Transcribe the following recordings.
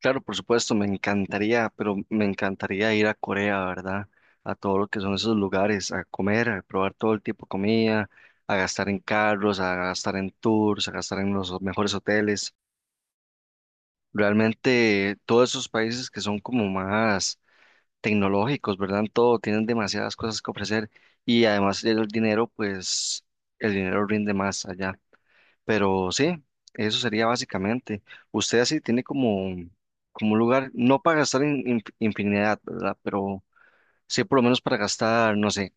Claro, por supuesto, me encantaría, pero me encantaría ir a Corea, ¿verdad? A todo lo que son esos lugares, a comer, a probar todo el tipo de comida, a gastar en carros, a gastar en tours, a gastar en los mejores hoteles. Realmente todos esos países que son como más tecnológicos, ¿verdad? En todo, tienen demasiadas cosas que ofrecer y además el dinero, pues el dinero rinde más allá. Pero sí, eso sería básicamente. Usted así tiene como, como un lugar, no para gastar infinidad, ¿verdad? Pero sí por lo menos para gastar, no sé,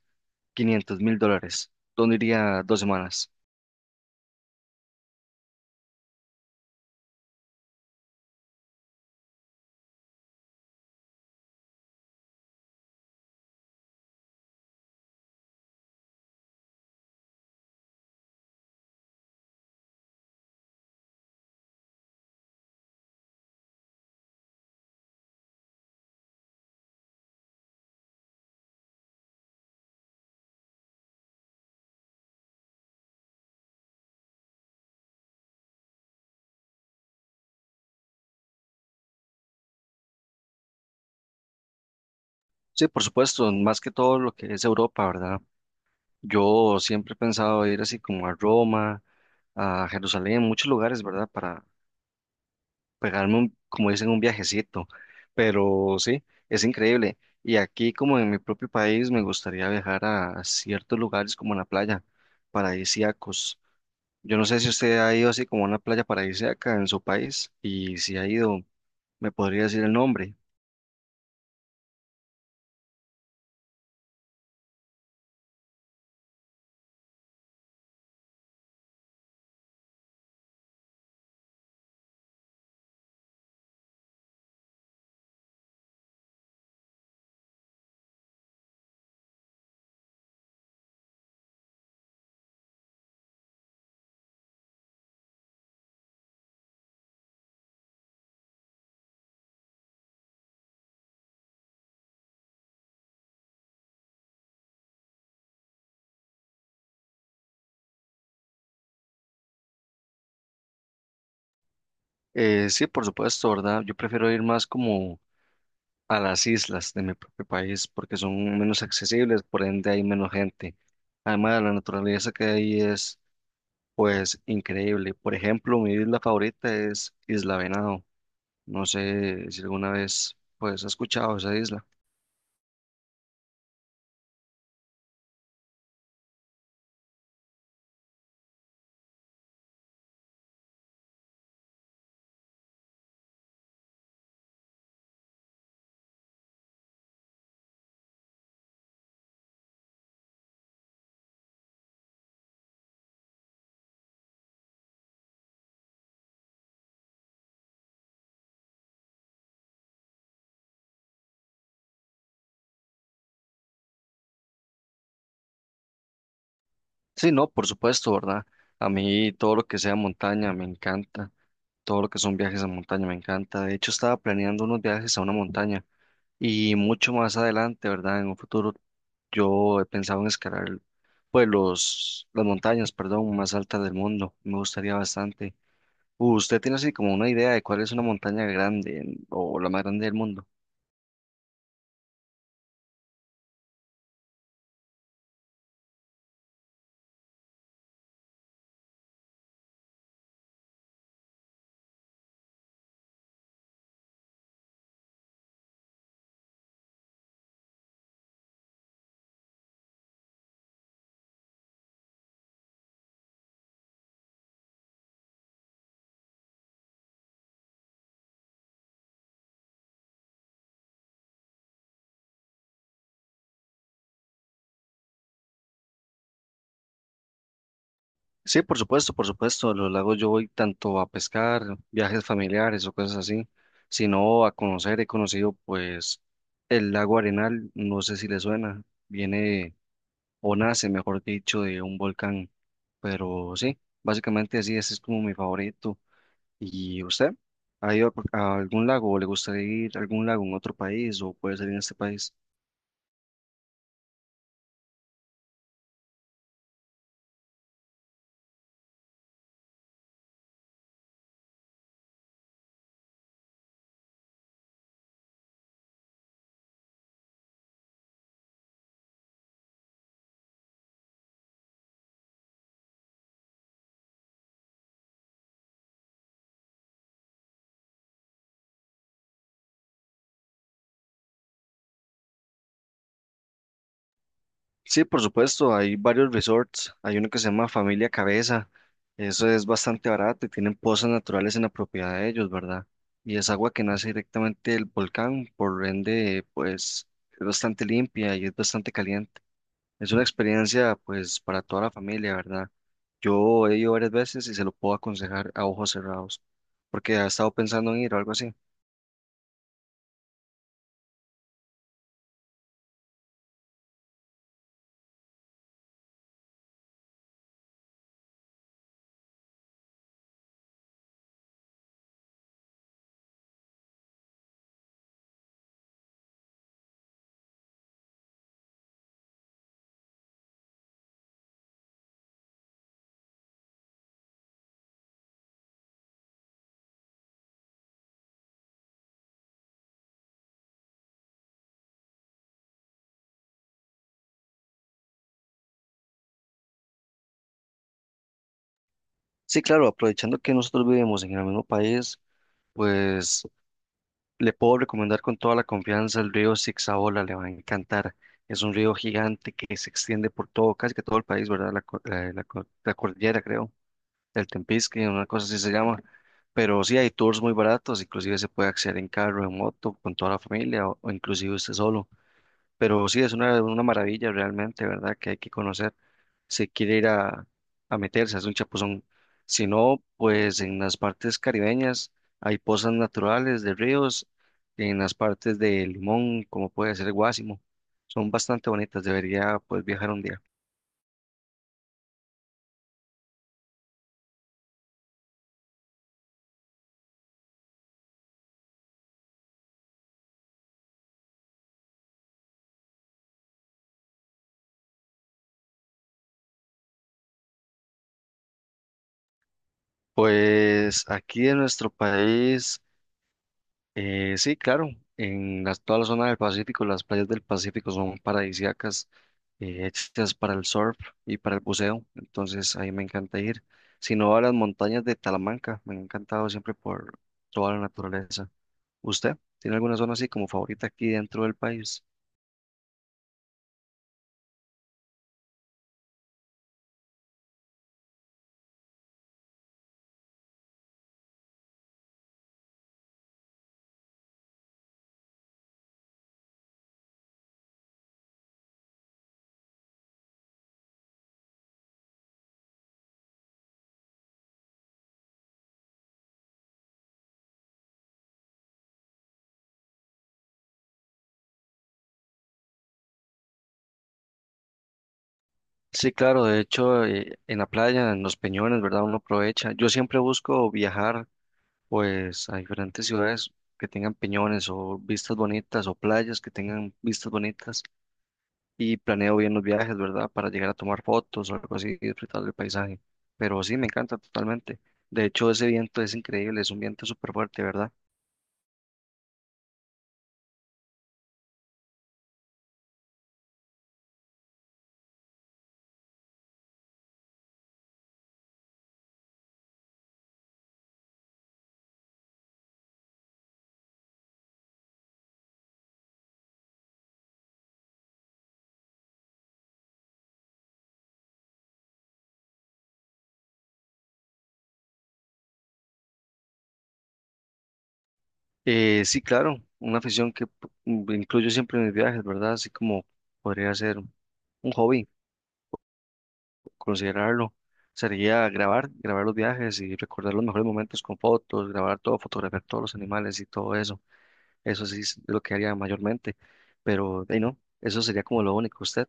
$500,000. ¿Dónde iría 2 semanas? Sí, por supuesto, más que todo lo que es Europa, ¿verdad? Yo siempre he pensado ir así como a Roma, a Jerusalén, muchos lugares, ¿verdad? Para pegarme un, como dicen, un viajecito. Pero sí, es increíble. Y aquí, como en mi propio país, me gustaría viajar a ciertos lugares como la playa, paradisíacos. Yo no sé si usted ha ido así como a una playa paradisíaca en su país y si ha ido, me podría decir el nombre. Sí, por supuesto, ¿verdad? Yo prefiero ir más como a las islas de mi propio país porque son menos accesibles, por ende hay menos gente. Además, la naturaleza que hay es pues increíble. Por ejemplo, mi isla favorita es Isla Venado. No sé si alguna vez pues has escuchado esa isla. Sí, no, por supuesto, ¿verdad? A mí todo lo que sea montaña me encanta. Todo lo que son viajes a montaña me encanta. De hecho, estaba planeando unos viajes a una montaña y mucho más adelante, ¿verdad? En un futuro yo he pensado en escalar pues los las montañas, perdón, más altas del mundo. Me gustaría bastante. ¿Usted tiene así como una idea de cuál es una montaña grande en- o la más grande del mundo? Sí, por supuesto, por supuesto. A los lagos yo voy tanto a pescar, viajes familiares o cosas así, sino a conocer. He conocido pues el lago Arenal, no sé si le suena, viene o nace, mejor dicho, de un volcán, pero sí, básicamente así, ese es como mi favorito. ¿Y usted? ¿Ha ido a algún lago o le gustaría ir a algún lago en otro país o puede ser en este país? Sí, por supuesto, hay varios resorts. Hay uno que se llama Familia Cabeza. Eso es bastante barato y tienen pozas naturales en la propiedad de ellos, ¿verdad? Y es agua que nace directamente del volcán, por ende, pues es bastante limpia y es bastante caliente. Es una experiencia, pues, para toda la familia, ¿verdad? Yo he ido varias veces y se lo puedo aconsejar a ojos cerrados, porque ha estado pensando en ir o algo así. Sí, claro, aprovechando que nosotros vivimos en el mismo país, pues. Le puedo recomendar con toda la confianza el río Sixaola, le va a encantar. Es un río gigante que se extiende por todo, casi que todo el país, ¿verdad? La cordillera, creo, el Tempisque, una cosa así se llama. Pero sí, hay tours muy baratos, inclusive se puede acceder en carro, en moto, con toda la familia o inclusive usted solo. Pero sí, es una maravilla realmente, ¿verdad? Que hay que conocer si quiere ir a meterse, es un chapuzón. Si no, pues en las partes caribeñas hay pozas naturales de ríos, en las partes de Limón, como puede ser Guásimo, son bastante bonitas, debería pues viajar un día. Pues aquí en nuestro país eh, sí, claro, en las- toda la zona del Pacífico, las playas del Pacífico son paradisíacas, hechas para el surf y para el buceo, entonces ahí me encanta ir. Si no, a las montañas de Talamanca, me han encantado siempre por toda la naturaleza. ¿Usted tiene alguna zona así como favorita aquí dentro del país? Sí, claro, de hecho, en la playa, en los peñones, ¿verdad? Uno aprovecha. Yo siempre busco viajar, pues, a diferentes ciudades que tengan peñones o vistas bonitas o playas que tengan vistas bonitas. Y planeo bien los viajes, ¿verdad? Para llegar a tomar fotos o algo así y disfrutar del paisaje. Pero sí, me encanta totalmente. De hecho, ese viento es increíble, es un viento súper fuerte, ¿verdad? Sí, claro, una afición que incluyo siempre en mis viajes, ¿verdad? Así como podría ser un hobby, considerarlo. Sería grabar, grabar los viajes y recordar los mejores momentos con fotos, grabar todo, fotografiar todos los animales y todo eso. Eso sí es lo que haría mayormente, pero de ahí no, eso sería como lo único. ¿Usted?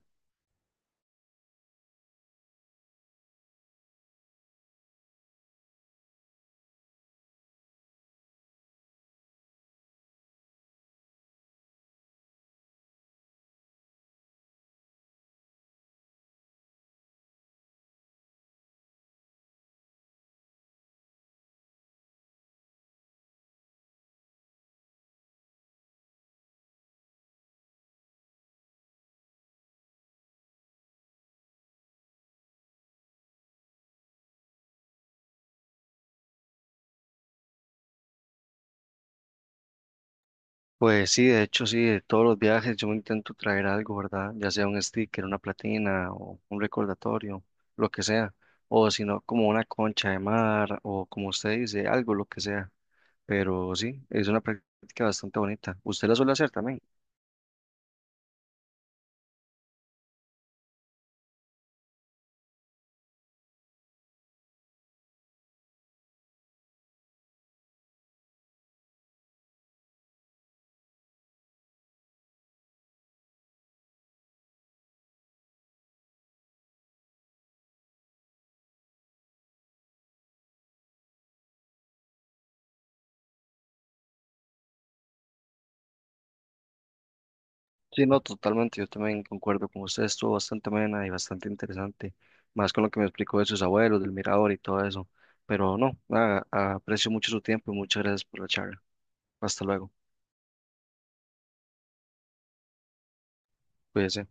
Pues sí, de hecho sí, de todos los viajes yo intento traer algo, ¿verdad? Ya sea un sticker, una platina o un recordatorio, lo que sea. O si no, como una concha de mar o como usted dice, algo, lo que sea. Pero sí, es una práctica bastante bonita. ¿Usted la suele hacer también? Sí, no, totalmente. Yo también concuerdo con usted. Estuvo bastante amena y bastante interesante. Más con lo que me explicó de sus abuelos, del mirador y todo eso. Pero no, nada, aprecio mucho su tiempo y muchas gracias por la charla. Hasta luego. Cuídese.